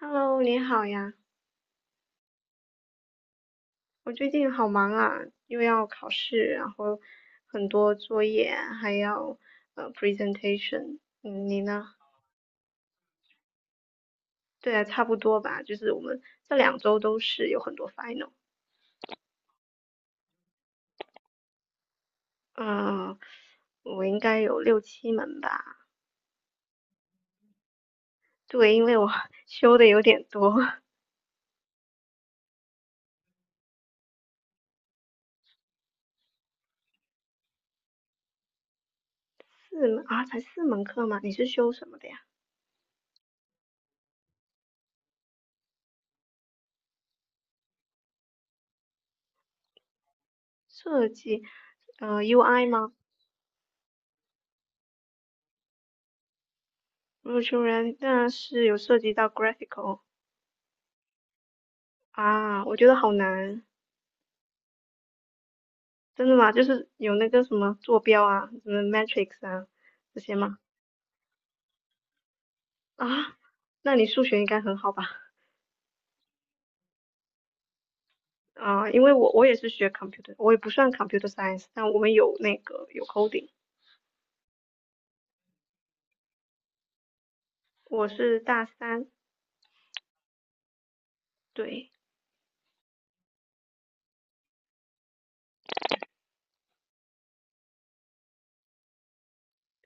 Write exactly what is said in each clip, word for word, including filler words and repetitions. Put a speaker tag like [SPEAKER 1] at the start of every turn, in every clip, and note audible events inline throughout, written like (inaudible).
[SPEAKER 1] Hello，你好呀。我最近好忙啊，又要考试，然后很多作业，还要呃 presentation。嗯，你呢？对啊，差不多吧，就是我们这两周都是有很多 final。嗯，我应该有六七门吧。对，因为我 (laughs) 修的有点多。(laughs) 四门啊，才四门课吗？你是修什么的呀？设计，呃，U I 吗？ v i r t u 是有涉及到 graphical。 啊，我觉得好难。真的吗？就是有那个什么坐标啊，什么 matrix 啊这些吗？啊，那你数学应该很好吧？啊，因为我我也是学 computer，我也不算 computer science，但我们有那个有 coding。我是大三。对，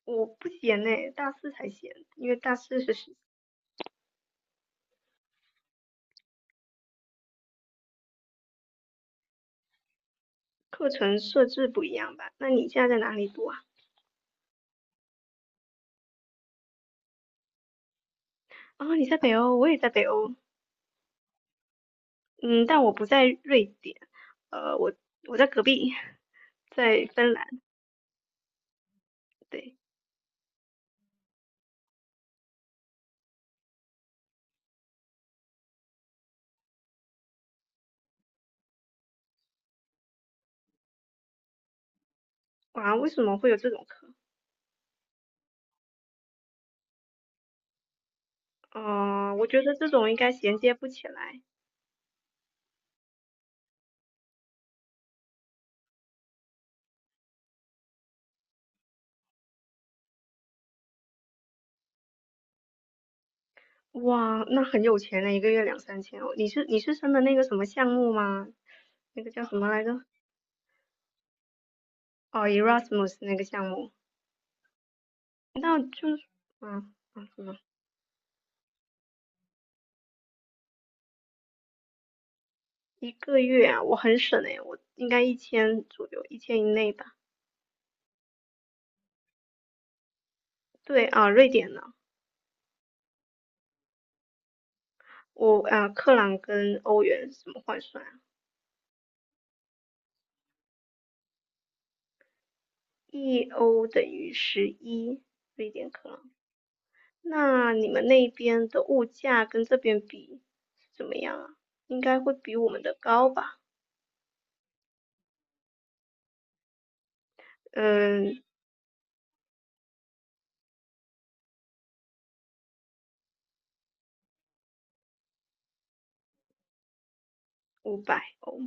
[SPEAKER 1] 我不闲呢，大四才闲，因为大四是是课程设置不一样吧？那你现在在哪里读啊？啊，你在北欧，我也在北欧。嗯，但我不在瑞典。呃，我我在隔壁，在芬兰。对。哇，为什么会有这种课？哦，我觉得这种应该衔接不起来。哇，那很有钱呢，一个月两三千哦。你是你是申的那个什么项目吗？那个叫什么来着？哦，Erasmus 那个项目。那就是，嗯嗯，什么一个月啊？我很省诶，我应该一千左右，一千以内吧。对啊，瑞典呢？我啊，克朗跟欧元是怎么换算啊？一欧等于十一瑞典克朗。那你们那边的物价跟这边比怎么样啊？应该会比我们的高吧？嗯，五百欧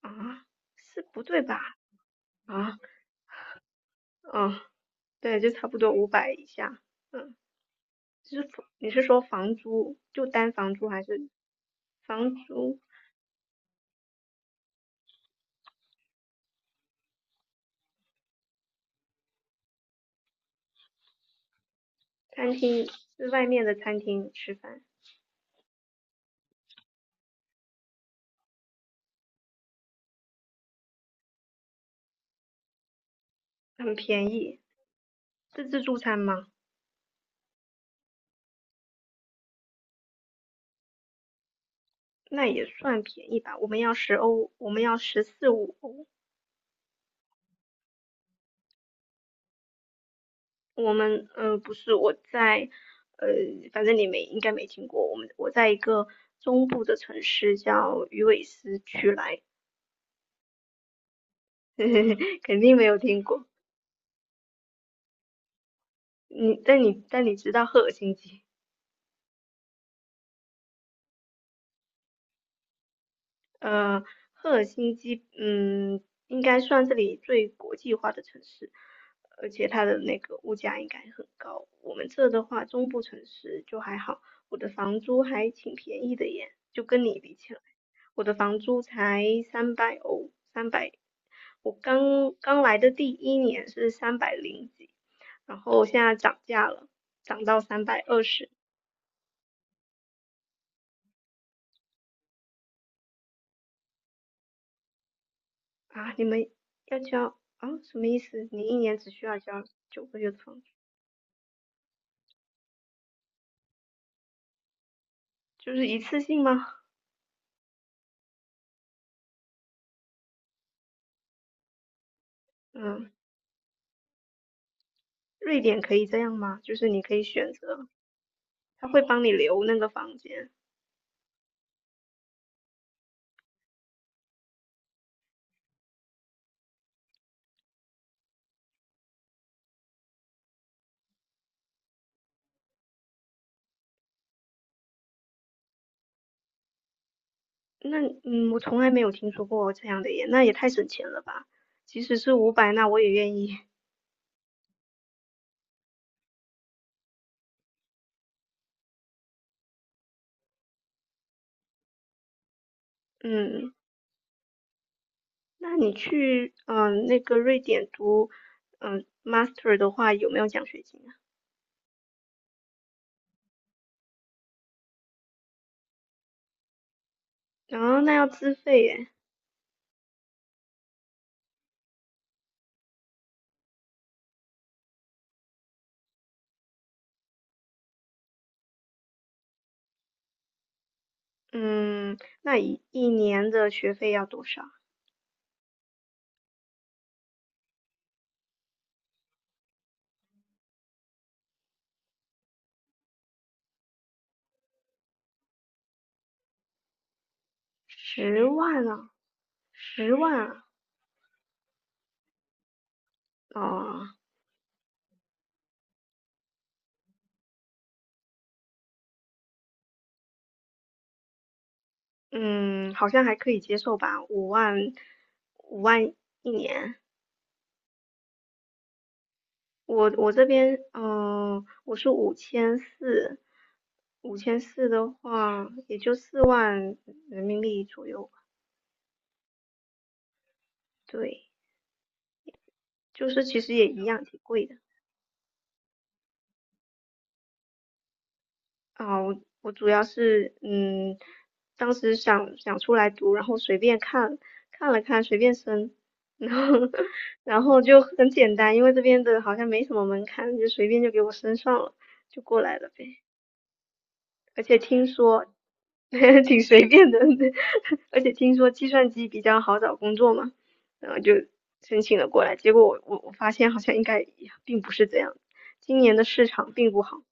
[SPEAKER 1] 啊，是不对吧？啊。嗯。对，就差不多五百以下。嗯，就是房你是说房租，就单房租还是房租？餐厅是外面的餐厅吃饭。很便宜，是自助餐吗？那也算便宜吧。我们要十欧，我们要十四五欧。我们呃不是我在呃，反正你没应该没听过，我们我在一个中部的城市叫鱼尾狮区来。(laughs) 肯定没有听过。你但你但你知道赫尔辛基？呃，赫尔辛基嗯，应该算这里最国际化的城市，而且它的那个物价应该很高。我们这的话，中部城市就还好，我的房租还挺便宜的耶，就跟你比起来。我的房租才三百欧，三百，我刚刚来的第一年是三百零几，然后现在涨价了，涨到三百二十。啊！你们要交啊？什么意思？你一年只需要交九个月的房租，就是一次性吗？嗯，瑞典可以这样吗？就是你可以选择，他会帮你留那个房间。那嗯，我从来没有听说过这样的耶，那也太省钱了吧！即使是五百，那我也愿意。嗯。那你去嗯呃那个瑞典读嗯呃 master 的话，有没有奖学金啊？哦，那要自费耶。嗯，那一一年的学费要多少？十万啊，十万啊。哦。嗯，好像还可以接受吧，五万，五万一年。我我这边，嗯、我是五千四，五千四的话，也就四万人民币左右吧。对。就是其实也一样，挺贵的啊。我我主要是嗯，当时想想出来读，然后随便看看了看，随便申，然后 (laughs) 然后就很简单，因为这边的好像没什么门槛，就随便就给我申上了，就过来了呗。而且听说 (laughs) 挺随便的，(laughs) 而且听说计算机比较好找工作嘛，然后就申请了过来。结果我我我发现好像应该并不是这样，今年的市场并不好。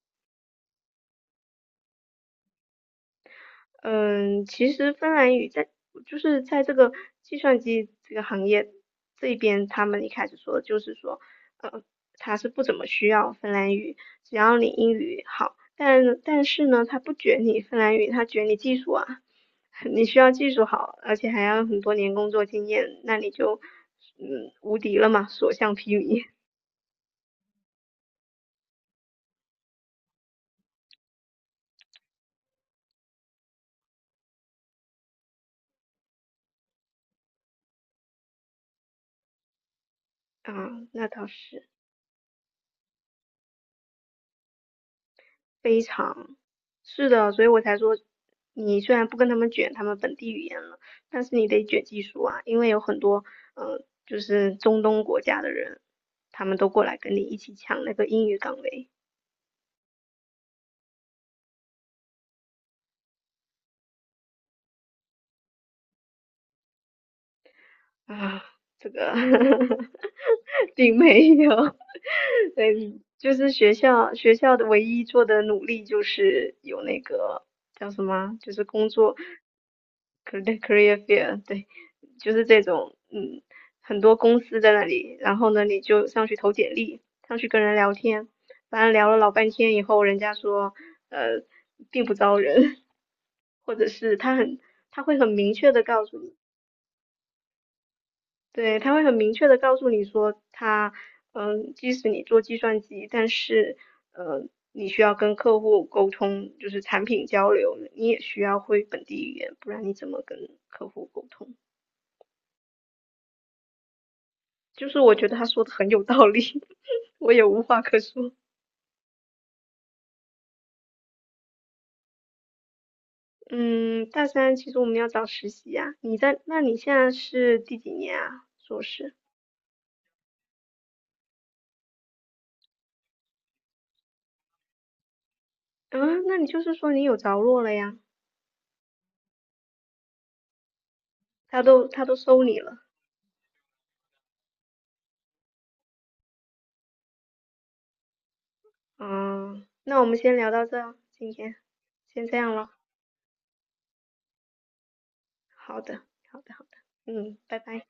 [SPEAKER 1] 嗯，其实芬兰语在就是在这个计算机这个行业这边，他们一开始说就是说，呃，他是不怎么需要芬兰语，只要你英语好，但但是呢，他不卷你芬兰语，他卷你技术啊，(laughs) 你需要技术好，而且还要很多年工作经验，那你就嗯无敌了嘛，所向披靡。(laughs) 啊，那倒是。非常，是的，所以我才说，你虽然不跟他们卷他们本地语言了，但是你得卷技术啊，因为有很多，嗯，就是中东国家的人，他们都过来跟你一起抢那个英语岗位。啊，这个 (laughs) 并没有。(laughs) 对，就是学校学校的唯一做的努力就是有那个叫什么啊，就是工作 career career fair。对，就是这种。嗯，很多公司在那里，然后呢，你就上去投简历，上去跟人聊天，反正聊了老半天以后，人家说，呃，并不招人。(laughs) 或者是他很，他会很明确的告诉你。对，他会很明确的告诉你说他，嗯，即使你做计算机，但是，呃，你需要跟客户沟通，就是产品交流，你也需要会本地语言，不然你怎么跟客户沟通？就是我觉得他说的很有道理，(laughs) 我也无话可说。嗯，大三其实我们要找实习呀、你在，那你现在是第几年啊？硕士？嗯，那你就是说你有着落了呀？他都他都收你了。嗯，那我们先聊到这儿，今天先这样了。好的，好的，好的。嗯，拜拜。